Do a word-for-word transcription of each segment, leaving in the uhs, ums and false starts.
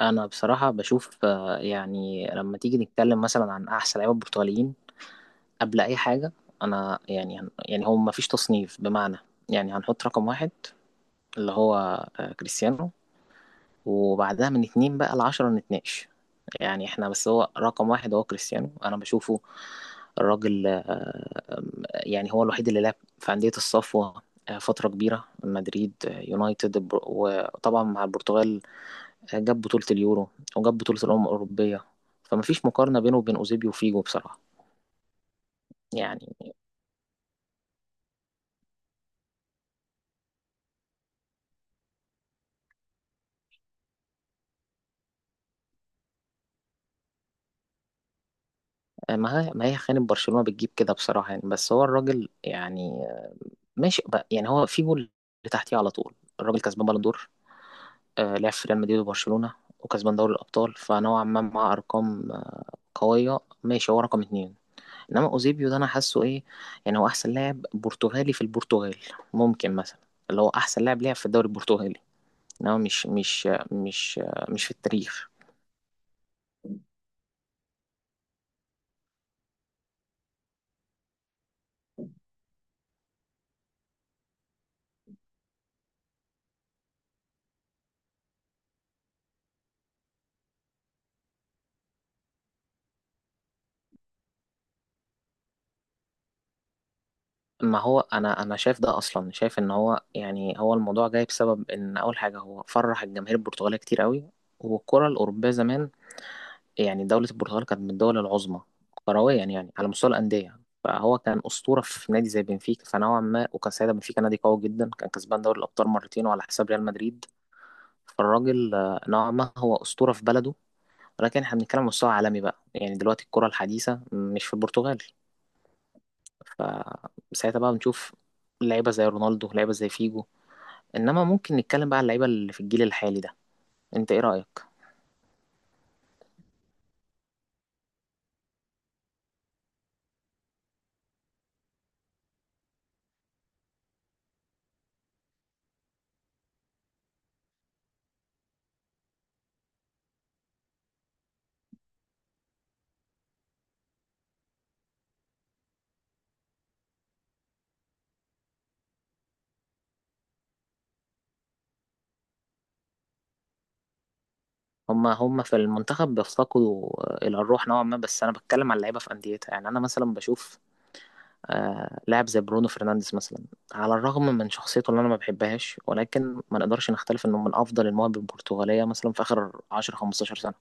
انا بصراحه بشوف آه، يعني لما تيجي نتكلم مثلا عن احسن لعيبه البرتغاليين قبل اي حاجه. انا يعني هن- يعني هو ما فيش تصنيف بمعنى يعني هنحط رقم واحد اللي هو آه، كريستيانو، وبعدها من اتنين بقى لعشرة نتناقش. يعني احنا بس هو رقم واحد هو كريستيانو انا بشوفه. الراجل آه، يعني هو الوحيد اللي لعب في أندية الصفوة آه، فترة كبيرة، مدريد، آه، يونايتد، البر- وطبعا مع البرتغال جاب بطولة اليورو وجاب بطولة الأمم الأوروبية. فمفيش مقارنة بينه وبين أوزيبيو وفيجو بصراحة يعني. آه، ما هي ما هي خانة برشلونة بتجيب كده بصراحة يعني، بس هو الراجل يعني ماشي بقى. يعني هو فيجو اللي تحتيه على طول. الراجل كسبان بالون دور، آه، لعب في ريال مدريد وبرشلونة وكسبان دوري الأبطال، فنوعا ما مع أرقام قوية، ماشي هو رقم اتنين. إنما أوزيبيو ده أنا حاسه إيه، يعني هو أحسن لاعب برتغالي في البرتغال، ممكن مثلا اللي هو أحسن لاعب لعب في الدوري البرتغالي، ان هو مش مش مش مش في التاريخ. ما هو انا انا شايف ده اصلا. شايف ان هو يعني هو الموضوع جاي بسبب ان اول حاجه هو فرح الجماهير البرتغاليه كتير قوي، والكره الاوروبيه زمان يعني دوله البرتغال كانت من الدول العظمى كرويا، يعني على مستوى الانديه فهو كان اسطوره في نادي زي بنفيكا، فنوعا ما وكان ساعتها بنفيكا نادي قوي جدا، كان كسبان دوري الابطال مرتين وعلى حساب ريال مدريد. فالراجل آه، نوعا ما هو اسطوره في بلده، ولكن احنا بنتكلم على مستوى عالمي بقى. يعني دلوقتي الكره الحديثه مش في البرتغال، فساعتها بقى بنشوف لعيبة زي رونالدو، لعيبة زي فيجو. إنما ممكن نتكلم بقى على اللعيبة اللي في الجيل الحالي ده، أنت إيه رأيك؟ هما هما في المنتخب بيفتقدوا إلى الروح نوعا ما، بس أنا بتكلم على اللعيبة في أنديتها. يعني أنا مثلا بشوف آه لاعب زي برونو فرنانديز مثلا، على الرغم من شخصيته اللي أنا ما بحبهاش، ولكن ما نقدرش نختلف إنه من أفضل المواهب البرتغالية مثلا في آخر عشرة خمسة عشر سنة.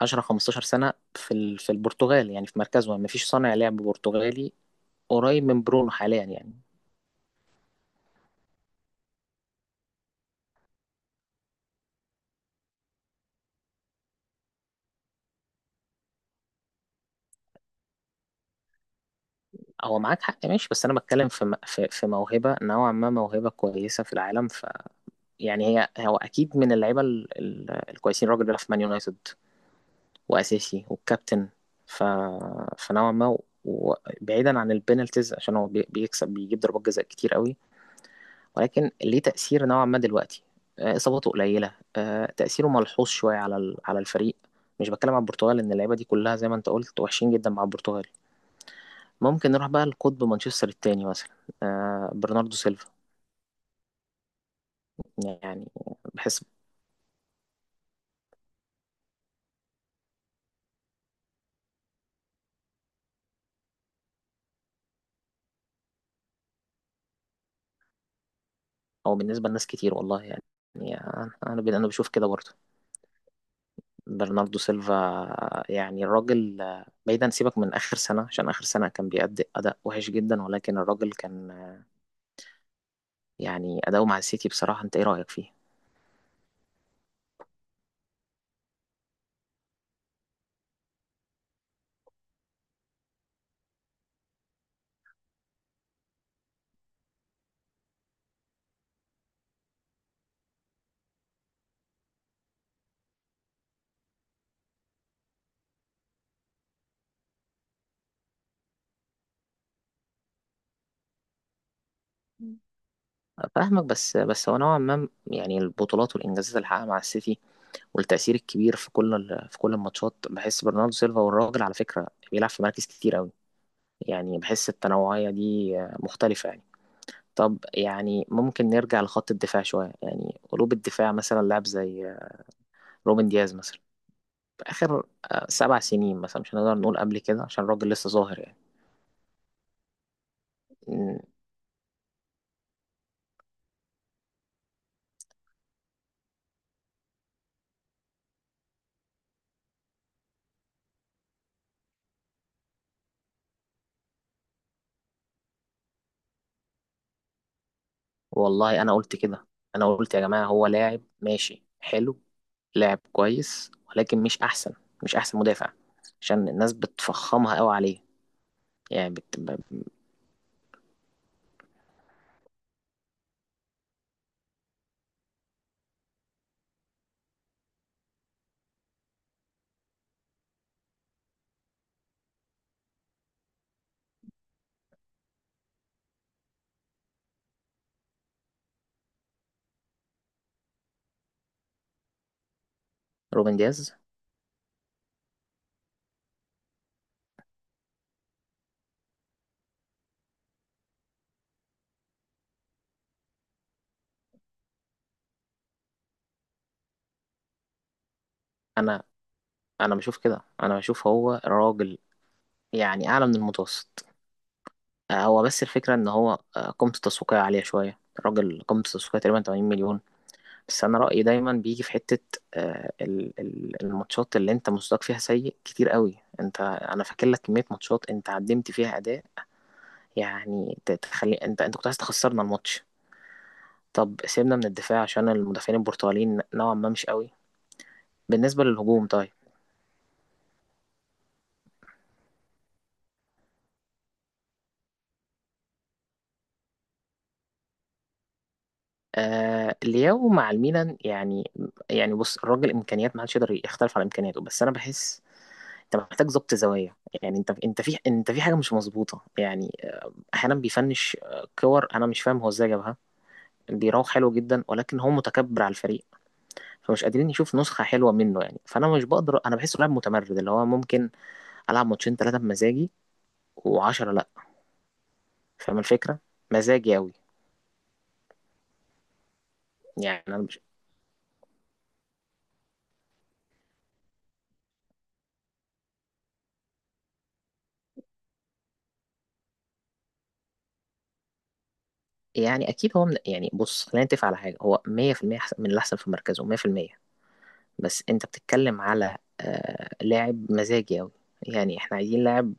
عشرة خمسة عشر سنة في ال- في البرتغال، يعني في مركزه ما فيش صانع لعب برتغالي قريب من برونو حاليا يعني. هو معاك حق ماشي، بس انا بتكلم في م- في في موهبه، نوعا ما موهبه كويسه في العالم. ف يعني هي هو اكيد من اللعيبه ال- ال- الكويسين. الراجل ده في مان يونايتد واساسي والكابتن، ف فنوعا ما، وبعيدا عن البينالتيز عشان هو بي- بيكسب بيجيب ضربات جزاء كتير قوي، ولكن ليه تاثير نوعا ما دلوقتي. آه، اصاباته قليله، آه، تاثيره ملحوظ شويه على ال- على الفريق. مش بتكلم على البرتغال، ان اللعيبه دي كلها زي ما انت قلت وحشين جدا مع البرتغال. ممكن نروح بقى لقطب مانشستر التاني مثلا، آه برناردو سيلفا يعني بحس. او بالنسبه لناس كتير والله يعني. يعني انا ب- انا بشوف كده برضه برناردو سيلفا. يعني الراجل آه، بعيدا سيبك من اخر سنه عشان اخر سنه كان بيأدي اداء وحش جدا، ولكن الراجل كان آه، يعني اداؤه مع السيتي بصراحه، انت ايه رايك فيه؟ فاهمك، بس بس هو نوعا ما يعني البطولات والانجازات اللي حققها مع السيتي والتأثير الكبير في كل ال- في كل الماتشات بحس برناردو سيلفا، والراجل على فكره بيلعب في مراكز كتير قوي. يعني بحس التنوعية دي آه، مختلفة يعني. طب يعني ممكن نرجع لخط الدفاع شوية، يعني قلوب الدفاع مثلا لاعب زي آه، روبن دياز مثلا في آخر آه، سبع سنين مثلا، مش هنقدر نقول قبل كده عشان الراجل لسه ظاهر يعني. م، والله أنا قلت كده، أنا قلت يا جماعة هو لاعب ماشي حلو، لاعب كويس، ولكن مش أحسن، مش أحسن مدافع. عشان الناس بتفخمها قوي عليه يعني بت... ب- روبن دياز. أنا أنا بشوف كده، أنا بشوف هو راجل يعني أعلى من المتوسط. آه، هو بس الفكرة إن هو آه، قيمته التسويقية عالية شوية، الراجل قيمته التسويقية تقريبا تمانين مليون. بس أنا رأيي دايما بيجي في حتة آه، ال- ال- الماتشات اللي أنت مستواك فيها سيء كتير قوي. أنت أنا فاكر لك كمية ماتشات أنت قدمت فيها أداء يعني ت- تخلي أنت أنت كنت عايز تخسرنا الماتش. طب سيبنا من الدفاع عشان المدافعين البرتغاليين نوعا ما مش قوي. بالنسبة للهجوم طيب، آه لياو مع الميلان يعني. يعني بص الراجل إمكانيات ما حدش يقدر يختلف على إمكانياته، بس أنا بحس انت محتاج ظبط زوايا. يعني انت انت في انت في حاجه مش مظبوطه يعني. احيانا بيفنش كور انا مش فاهم هو ازاي جابها، بيراوغ حلو جدا ولكن هو متكبر على الفريق، فمش قادرين يشوف نسخه حلوه منه. يعني فانا مش بقدر، انا بحسه لاعب متمرد اللي هو ممكن العب ماتشين ثلاثه بمزاجي و10 لا. فاهم الفكره؟ مزاجي قوي. يعني انا مش يعني اكيد هو من... يعني بص خلينا نتفق على حاجه، هو مية في المية أحسن- من الاحسن في مركزه مية في المية. بس انت بتتكلم على آه لاعب مزاجي قوي، يعني احنا عايزين لاعب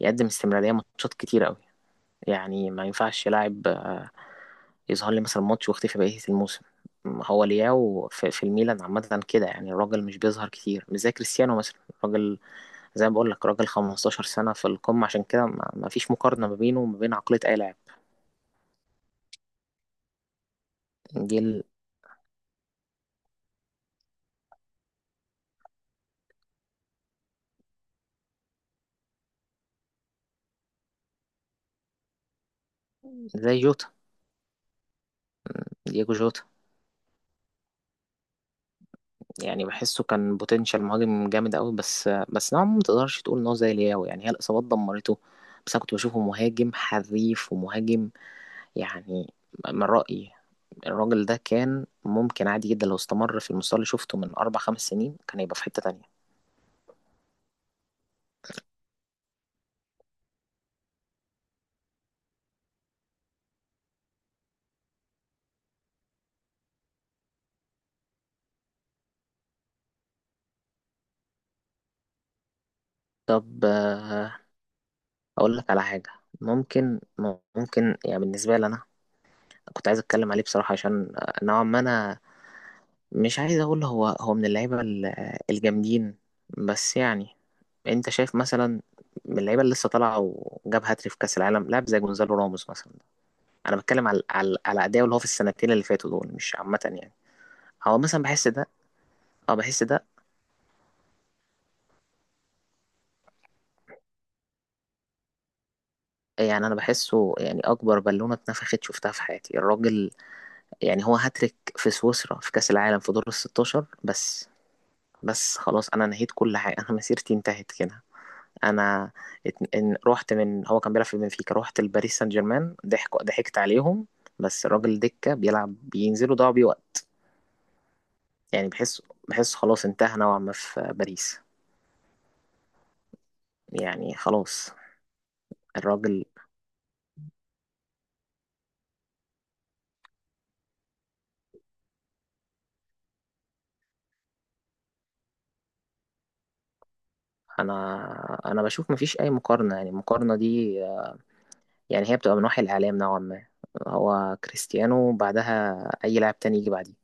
يقدم استمرارية ماتشات كتير قوي. يعني ما ينفعش لاعب آه، يظهر لي مثلا ماتش واختفي بقية الموسم. ما هو لياو في في الميلان عامة كده يعني، الراجل مش بيظهر كتير مش زي كريستيانو مثلا. راجل زي ما بقول لك، راجل خمستاشر سنة في القمة عشان كده ما ما فيش مقارنة ما بينه وما بين عقلية أي لاعب جيل زي جوتا، دييجو جوتا. يعني بحسه كان بوتنشال مهاجم جامد قوي، بس بس نوعا ما ما تقدرش تقول ان هو زي لياو. يعني هي الإصابات دمرته، بس أنا كنت بشوفه مهاجم حريف ومهاجم يعني. من رأيي الراجل ده كان ممكن عادي جدا لو استمر في المستوى اللي شفته من أربع خمس سنين كان هيبقى في حتة تانية. طب آه، أقول لك على حاجة. ممكن ممكن يعني بالنسبة لي أنا كنت عايز أتكلم عليه بصراحة، عشان آه، نوعا ما أنا مش عايز أقول هو هو من اللعيبة ال- آه، الجامدين، بس يعني أنت شايف مثلا من اللعيبة اللي لسه طالعة وجاب هاتري في كأس العالم لاعب زي جونزالو راموس مثلا. أنا بتكلم على على على أداؤه اللي هو في السنتين اللي فاتوا دول مش عامة يعني. هو مثلا بحس ده، اه بحس ده يعني. انا بحسه يعني اكبر بالونه اتنفخت شفتها في حياتي الراجل. يعني هو هاتريك في سويسرا في كاس العالم في دور ال ستة عشر بس، بس خلاص انا نهيت كل حاجه، انا مسيرتي انتهت كده. انا اتن... ان... رحت من هو كان بيلعب في بنفيكا رحت لباريس سان جيرمان، ضحك ضحكت عليهم. بس الراجل دكه بيلعب بينزلوا ضاعوا بيه وقت. يعني بحس، بحس خلاص انتهى نوعا ما في باريس يعني خلاص الراجل. انا انا بشوف مفيش اي مقارنه، يعني المقارنه دي يعني هي بتبقى من وحي الإعلام نوعا ما. هو كريستيانو، بعدها أي لاعب تاني يجي بعديه.